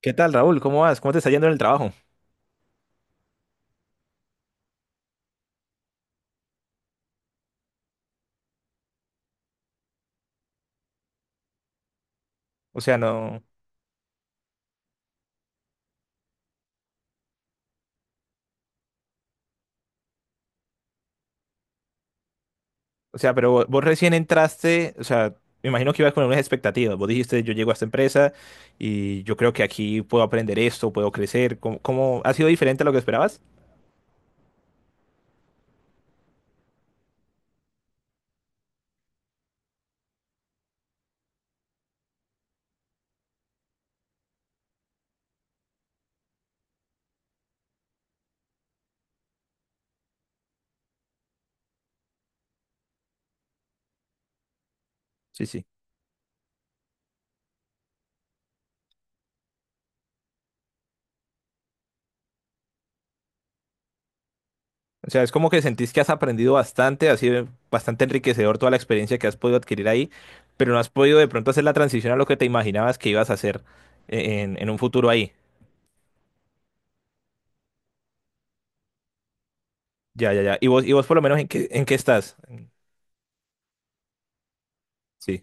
¿Qué tal, Raúl? ¿Cómo vas? ¿Cómo te está yendo en el trabajo? O sea, no, pero vos recién entraste, o sea, me imagino que ibas con unas expectativas. Vos dijiste, yo llego a esta empresa y yo creo que aquí puedo aprender esto, puedo crecer. ¿Ha sido diferente a lo que esperabas? Sí, sí. O sea, es como que sentís que has aprendido bastante, ha sido bastante enriquecedor toda la experiencia que has podido adquirir ahí, pero no has podido de pronto hacer la transición a lo que te imaginabas que ibas a hacer en un futuro ahí. Ya, ya, ya. ¿Y vos por lo menos en qué estás? Sí,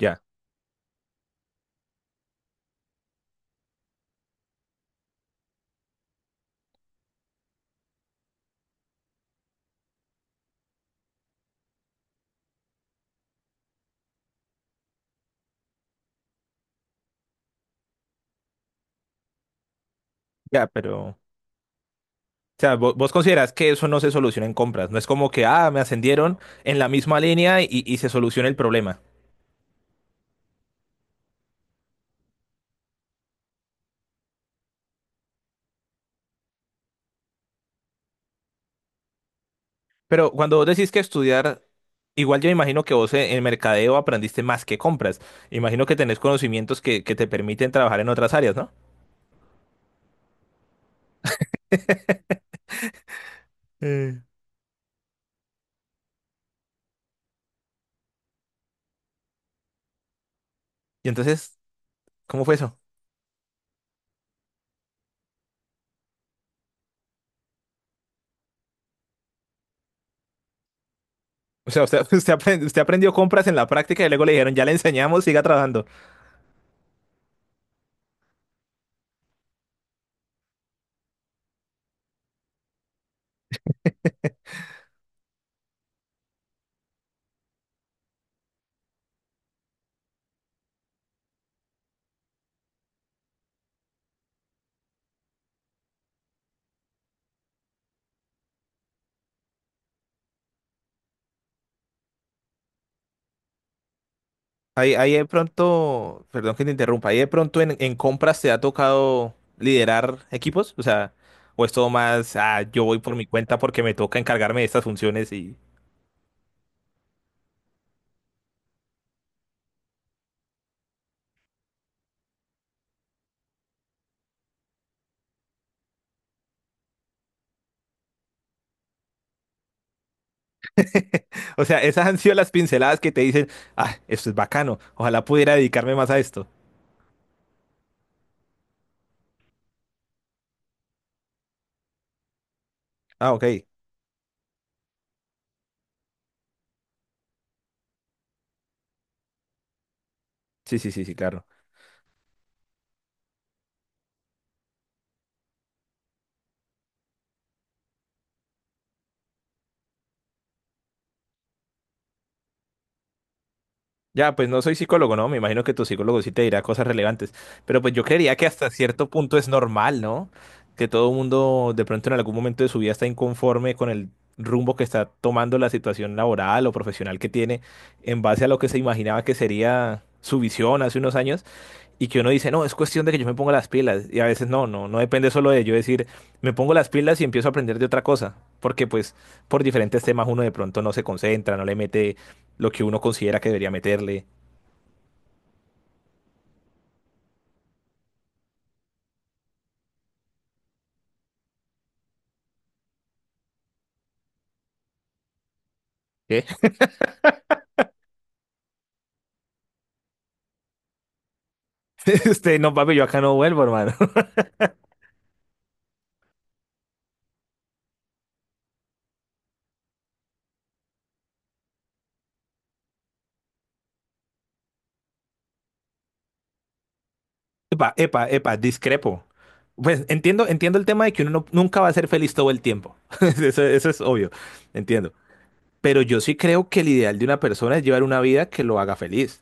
ya, ya, pero sea, vos, considerás que eso no se soluciona en compras. No es como que, ah, me ascendieron en la misma línea y se soluciona el problema. Pero cuando vos decís que estudiar, igual yo imagino que vos en mercadeo aprendiste más que compras. Imagino que tenés conocimientos que te permiten trabajar en otras áreas, ¿no? Eh, Y entonces, ¿cómo fue eso? O sea, usted, usted aprendió compras en la práctica y luego le dijeron, ya le enseñamos, siga trabajando. Ahí de pronto, perdón que te interrumpa, ahí de pronto en compras te ha tocado liderar equipos, o sea, o es todo más, ah, yo voy por mi cuenta porque me toca encargarme de estas funciones. O sea, esas han sido las pinceladas que te dicen, ah, esto es bacano, ojalá pudiera dedicarme más a esto. Ah, ok, sí, sí, sí, sí, claro. Ya, pues no soy psicólogo, ¿no? Me imagino que tu psicólogo sí te dirá cosas relevantes, pero pues yo creería que hasta cierto punto es normal, ¿no? Que todo mundo de pronto en algún momento de su vida está inconforme con el rumbo que está tomando la situación laboral o profesional que tiene en base a lo que se imaginaba que sería su visión hace unos años y que uno dice, no, es cuestión de que yo me ponga las pilas y a veces no, no, no depende solo de yo decir, me pongo las pilas y empiezo a aprender de otra cosa, porque pues por diferentes temas uno de pronto no se concentra, no le mete lo que uno considera que debería meterle. ¿Qué? Este, no, papi, yo acá no vuelvo, hermano. Epa, epa, epa, discrepo. Pues entiendo, entiendo el tema de que uno nunca va a ser feliz todo el tiempo. Eso es obvio, entiendo. Pero yo sí creo que el ideal de una persona es llevar una vida que lo haga feliz.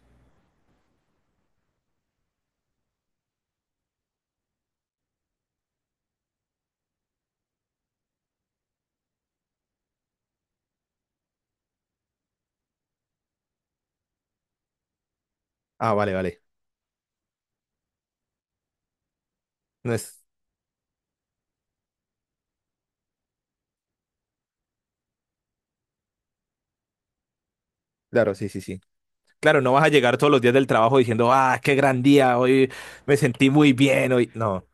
Ah, vale, vale. No es, claro, sí, sí, sí. Claro, no vas a llegar todos los días del trabajo diciendo, ah, qué gran día, hoy me sentí muy bien, hoy. No,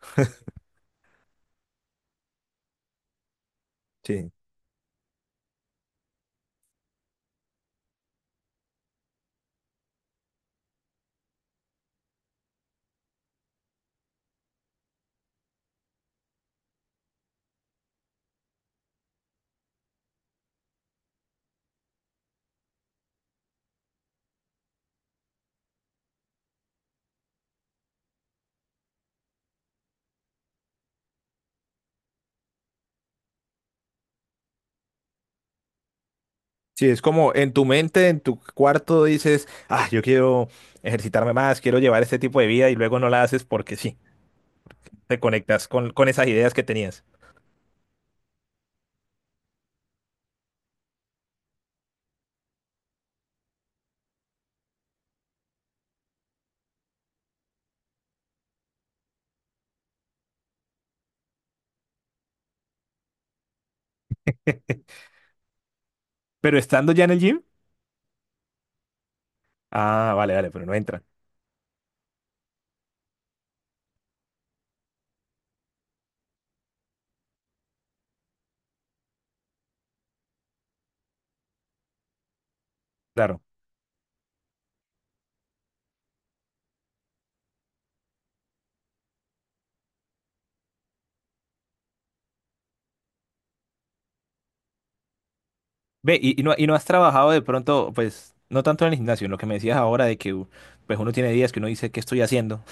sí, sí, es como en tu mente, en tu cuarto dices, ah, yo quiero ejercitarme más, quiero llevar este tipo de vida y luego no la haces porque sí, te conectas con esas ideas que tenías. Pero estando ya en el gym, ah, vale, vale, pero no entra, claro. Ve, y no, y no has trabajado de pronto, pues, no tanto en el gimnasio, en lo que me decías ahora de que pues uno tiene días que uno dice, ¿qué estoy haciendo?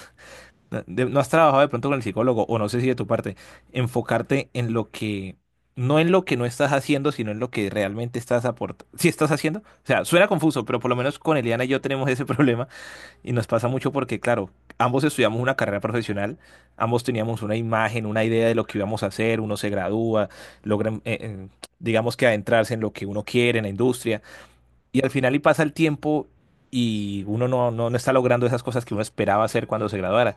No has trabajado de pronto con el psicólogo, o no sé si de tu parte, enfocarte en lo que, no en lo que no estás haciendo, sino en lo que realmente estás aportando. Si estás haciendo, o sea, suena confuso, pero por lo menos con Eliana y yo tenemos ese problema y nos pasa mucho porque, claro, ambos estudiamos una carrera profesional, ambos teníamos una imagen, una idea de lo que íbamos a hacer, uno se gradúa, logra, digamos que adentrarse en lo que uno quiere, en la industria. Y al final y pasa el tiempo y uno no, no, no está logrando esas cosas que uno esperaba hacer cuando se graduara.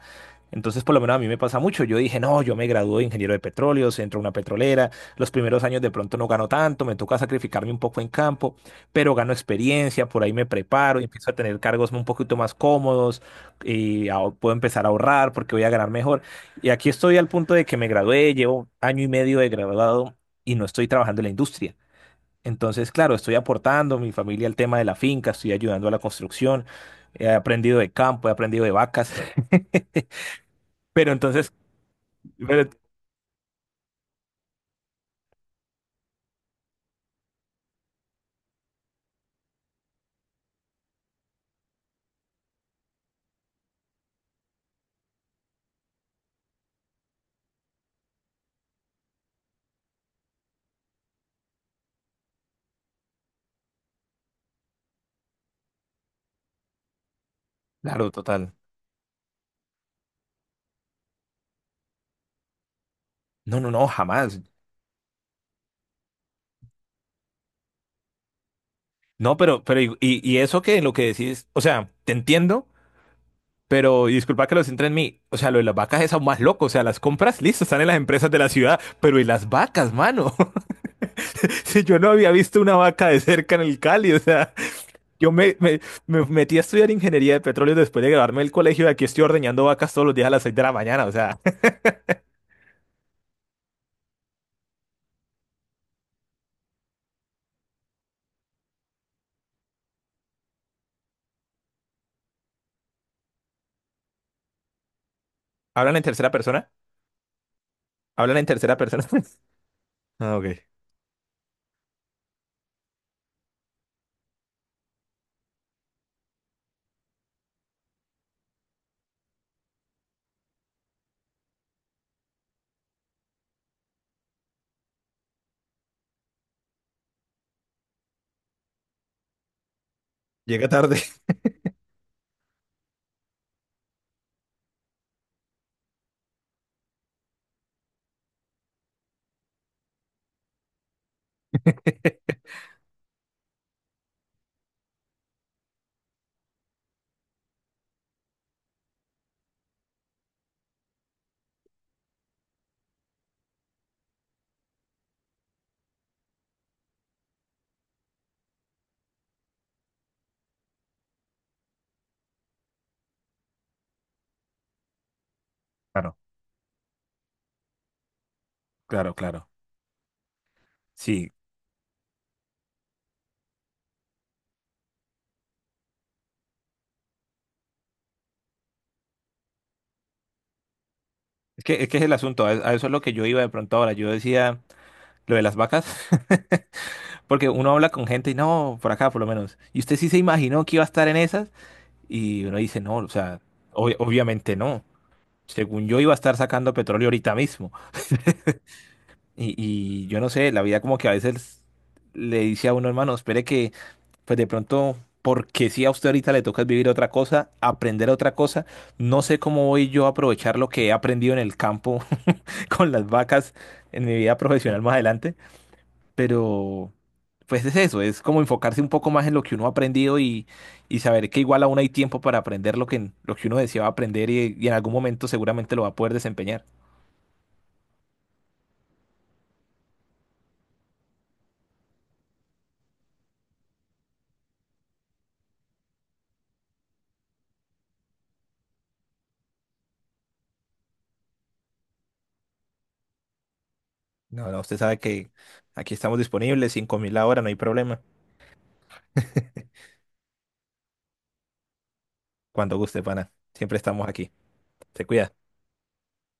Entonces, por lo menos a mí me pasa mucho. Yo dije, no, yo me gradúo de ingeniero de petróleos, entro a una petrolera, los primeros años de pronto no gano tanto, me toca sacrificarme un poco en campo, pero gano experiencia, por ahí me preparo y empiezo a tener cargos un poquito más cómodos y ah, puedo empezar a ahorrar porque voy a ganar mejor. Y aquí estoy al punto de que me gradué, llevo año y medio de graduado y no estoy trabajando en la industria. Entonces, claro, estoy aportando mi familia al tema de la finca, estoy ayudando a la construcción, he aprendido de campo, he aprendido de vacas. Pero entonces, pero- claro, total. No, no, no, jamás. No, pero, y eso que lo que decís, o sea, te entiendo, pero y disculpa que lo centre en mí. O sea, lo de las vacas es aún más loco. O sea, las compras, listo, están en las empresas de la ciudad, pero ¿y las vacas, mano? Si yo no había visto una vaca de cerca en el Cali, o sea. Yo me metí a estudiar ingeniería de petróleo después de graduarme del colegio y aquí estoy ordeñando vacas todos los días a las 6 de la mañana. O sea, ¿Hablan en tercera persona? ¿Hablan en tercera persona? Ah, ok. Llega tarde. Claro, claro, claro. Sí, es que es el asunto, a eso es lo que yo iba de pronto ahora. Yo decía lo de las vacas, porque uno habla con gente y no, por acá por lo menos. Y usted sí se imaginó que iba a estar en esas y uno dice, no, o sea, obviamente no. Según yo iba a estar sacando petróleo ahorita mismo. Y yo no sé, la vida como que a veces le dice a uno, hermano, espere que, pues de pronto, porque si a usted ahorita le toca vivir otra cosa, aprender otra cosa, no sé cómo voy yo a aprovechar lo que he aprendido en el campo con las vacas en mi vida profesional más adelante, pero pues es eso, es como enfocarse un poco más en lo que uno ha aprendido y saber que igual aún hay tiempo para aprender lo que uno deseaba aprender y en algún momento seguramente lo va a poder desempeñar. No, no, usted sabe que aquí estamos disponibles, 5.000 la hora, no hay problema. Cuando guste, pana. Siempre estamos aquí. Se cuida.